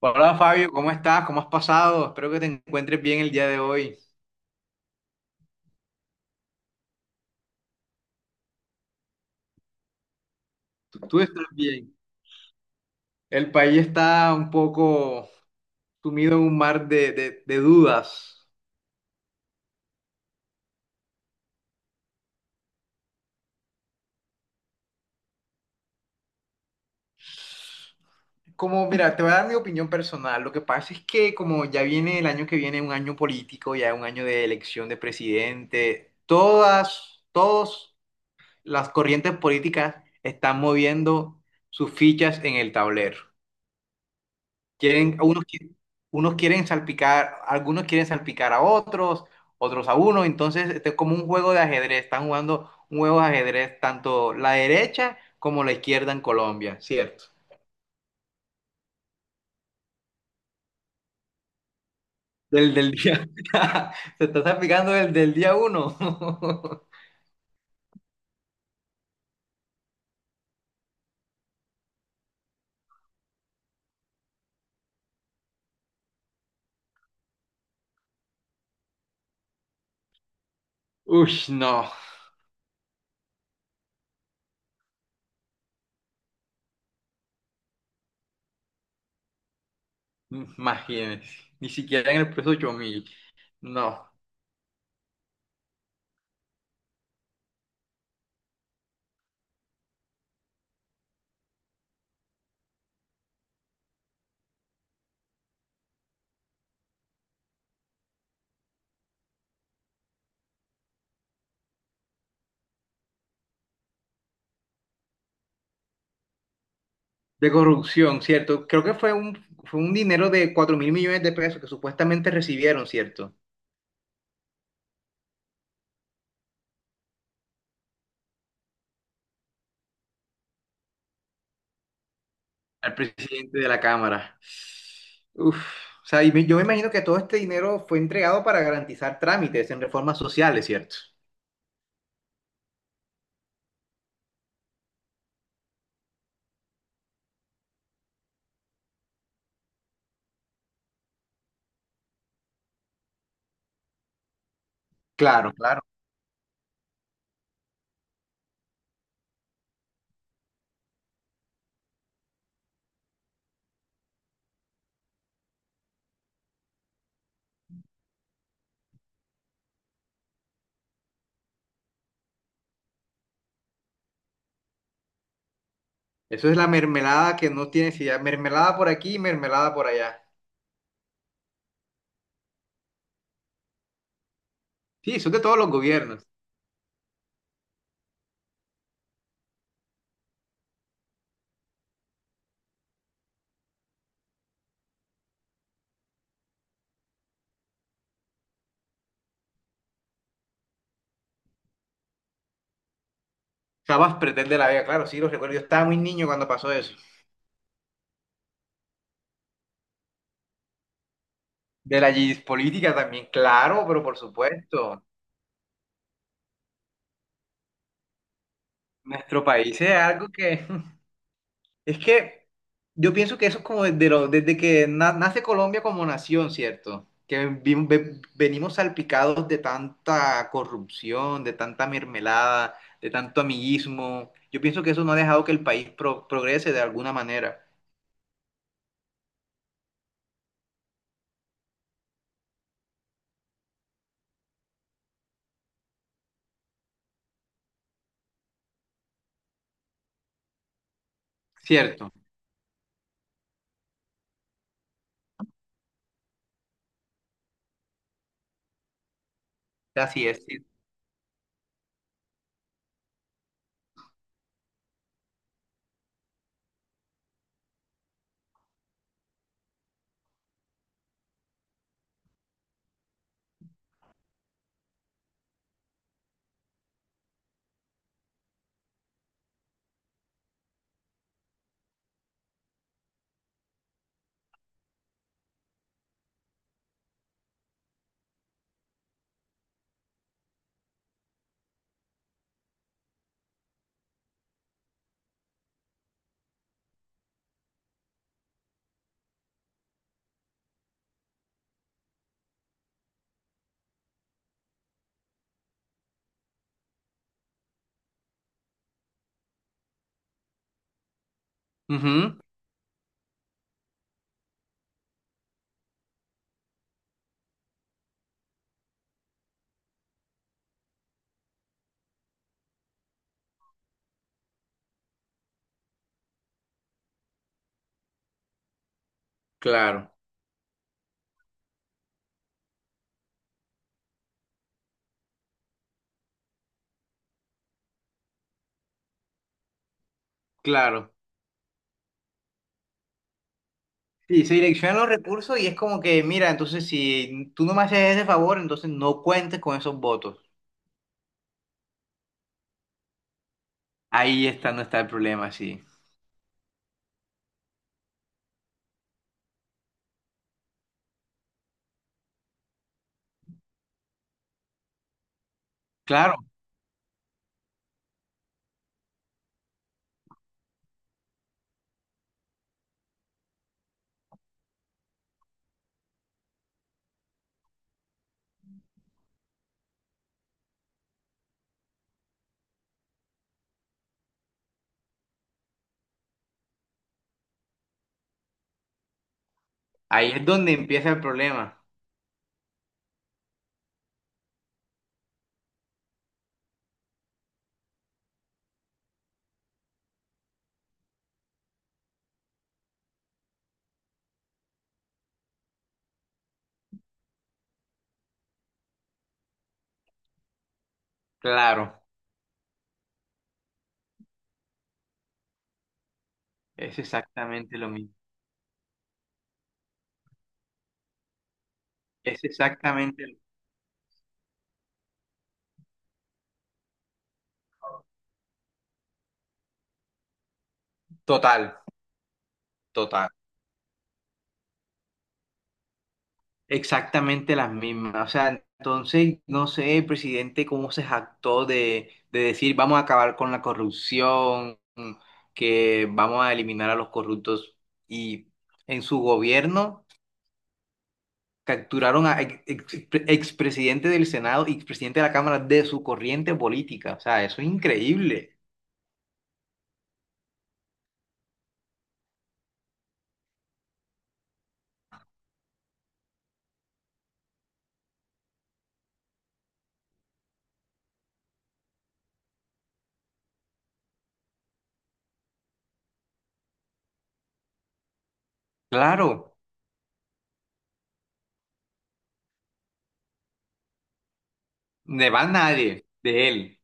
Hola Fabio, ¿cómo estás? ¿Cómo has pasado? Espero que te encuentres bien el día de hoy. Tú estás bien. El país está un poco sumido en un mar de dudas. Como, mira, te voy a dar mi opinión personal. Lo que pasa es que como ya viene el año que viene, un año político, ya un año de elección de presidente, todas las corrientes políticas están moviendo sus fichas en el tablero. Quieren, unos, qui- unos quieren salpicar, algunos quieren salpicar a otros, otros a uno. Entonces, este es como un juego de ajedrez. Están jugando un juego de ajedrez tanto la derecha como la izquierda en Colombia, ¿cierto? Del día. Se está salpicando el del día uno. Uy, no. Imagínense. Ni siquiera en el precio 8.000. No. De corrupción, ¿cierto? Creo que fue un dinero de 4.000 millones de pesos que supuestamente recibieron, ¿cierto? Al presidente de la Cámara. Uf, o sea, y yo me imagino que todo este dinero fue entregado para garantizar trámites en reformas sociales, ¿cierto? Claro, claro. Eso es la mermelada que no tiene, si mermelada por aquí, mermelada por allá. Sí, son de todos los gobiernos. Cabas pretende la Vega, claro, sí, los recuerdo. Yo estaba muy niño cuando pasó eso. De la política también, claro, pero por supuesto. Nuestro país es algo que. Es que yo pienso que eso es como desde, desde que nace Colombia como nación, ¿cierto? Que venimos salpicados de tanta corrupción, de tanta mermelada, de tanto amiguismo. Yo pienso que eso no ha dejado que el país progrese de alguna manera, ¿cierto? Así es, sí. Ujú, claro, claro. Sí, se direccionan los recursos y es como que, mira, entonces si tú no me haces ese favor, entonces no cuentes con esos votos. Ahí está, no está el problema, sí. Claro. Ahí es donde empieza el problema. Claro, es exactamente lo mismo. Es exactamente total, total. Exactamente las mismas. O sea, entonces, no sé, el presidente cómo se jactó de decir vamos a acabar con la corrupción, que vamos a eliminar a los corruptos. Y en su gobierno capturaron a expresidente del Senado y expresidente de la Cámara de su corriente política. O sea, eso es increíble. Claro. De más nadie, de él.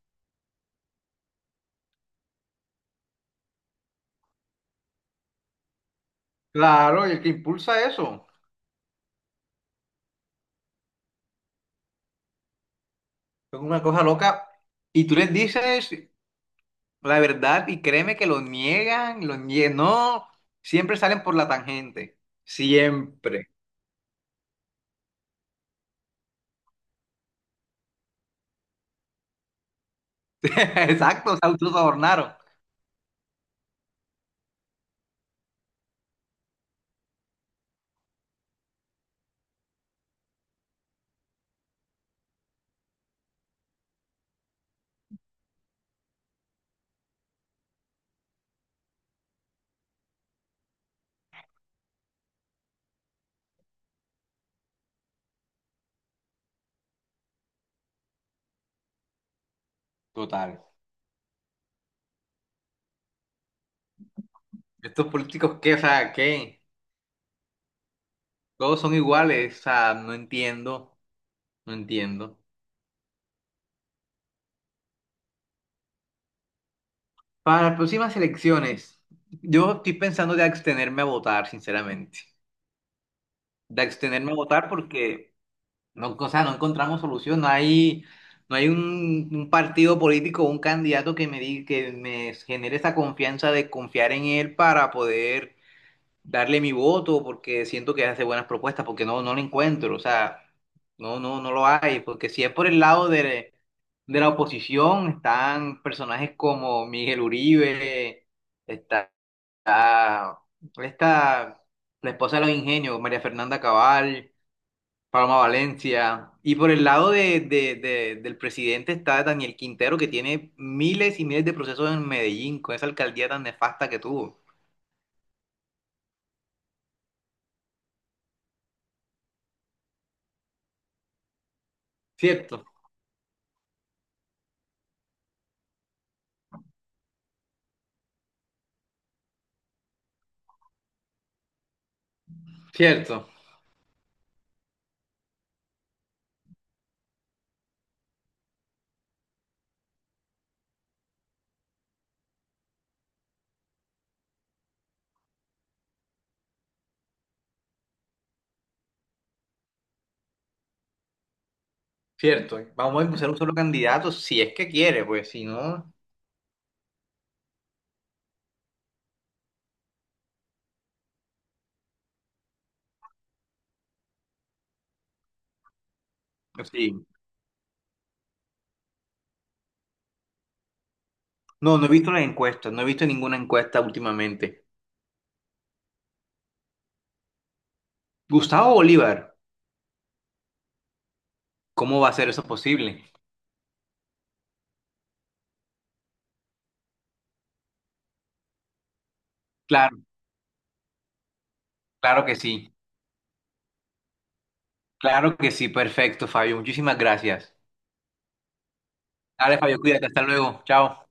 Claro, y el que impulsa eso. Es una cosa loca. Y tú les dices la verdad y créeme que lo niegan, lo niegan. No, siempre salen por la tangente. Siempre. Exacto, se autosobornaron. Total. Estos políticos, ¿qué? O sea, ¿qué? Todos son iguales. O sea, no entiendo, no entiendo. Para las próximas elecciones, yo estoy pensando de abstenerme a votar, sinceramente. De abstenerme a votar porque. No, o sea, no encontramos solución, no hay, no hay un partido político, un candidato que me genere esa confianza de confiar en él para poder darle mi voto, porque siento que hace buenas propuestas, porque no, no lo encuentro, o sea, no, no, no lo hay, porque si es por el lado de la oposición, están personajes como Miguel Uribe, está, está esta, la esposa de los ingenios, María Fernanda Cabal. Paloma Valencia. Y por el lado del presidente está Daniel Quintero, que tiene miles y miles de procesos en Medellín, con esa alcaldía tan nefasta que tuvo. Cierto, cierto, cierto. Vamos a impulsar un solo candidato, si es que quiere, pues si no, sí. No, no he visto las encuestas, no he visto ninguna encuesta últimamente. Gustavo Bolívar, ¿cómo va a ser eso posible? Claro, claro que sí, claro que sí, perfecto, Fabio. Muchísimas gracias. Dale, Fabio, cuídate, hasta luego. Chao.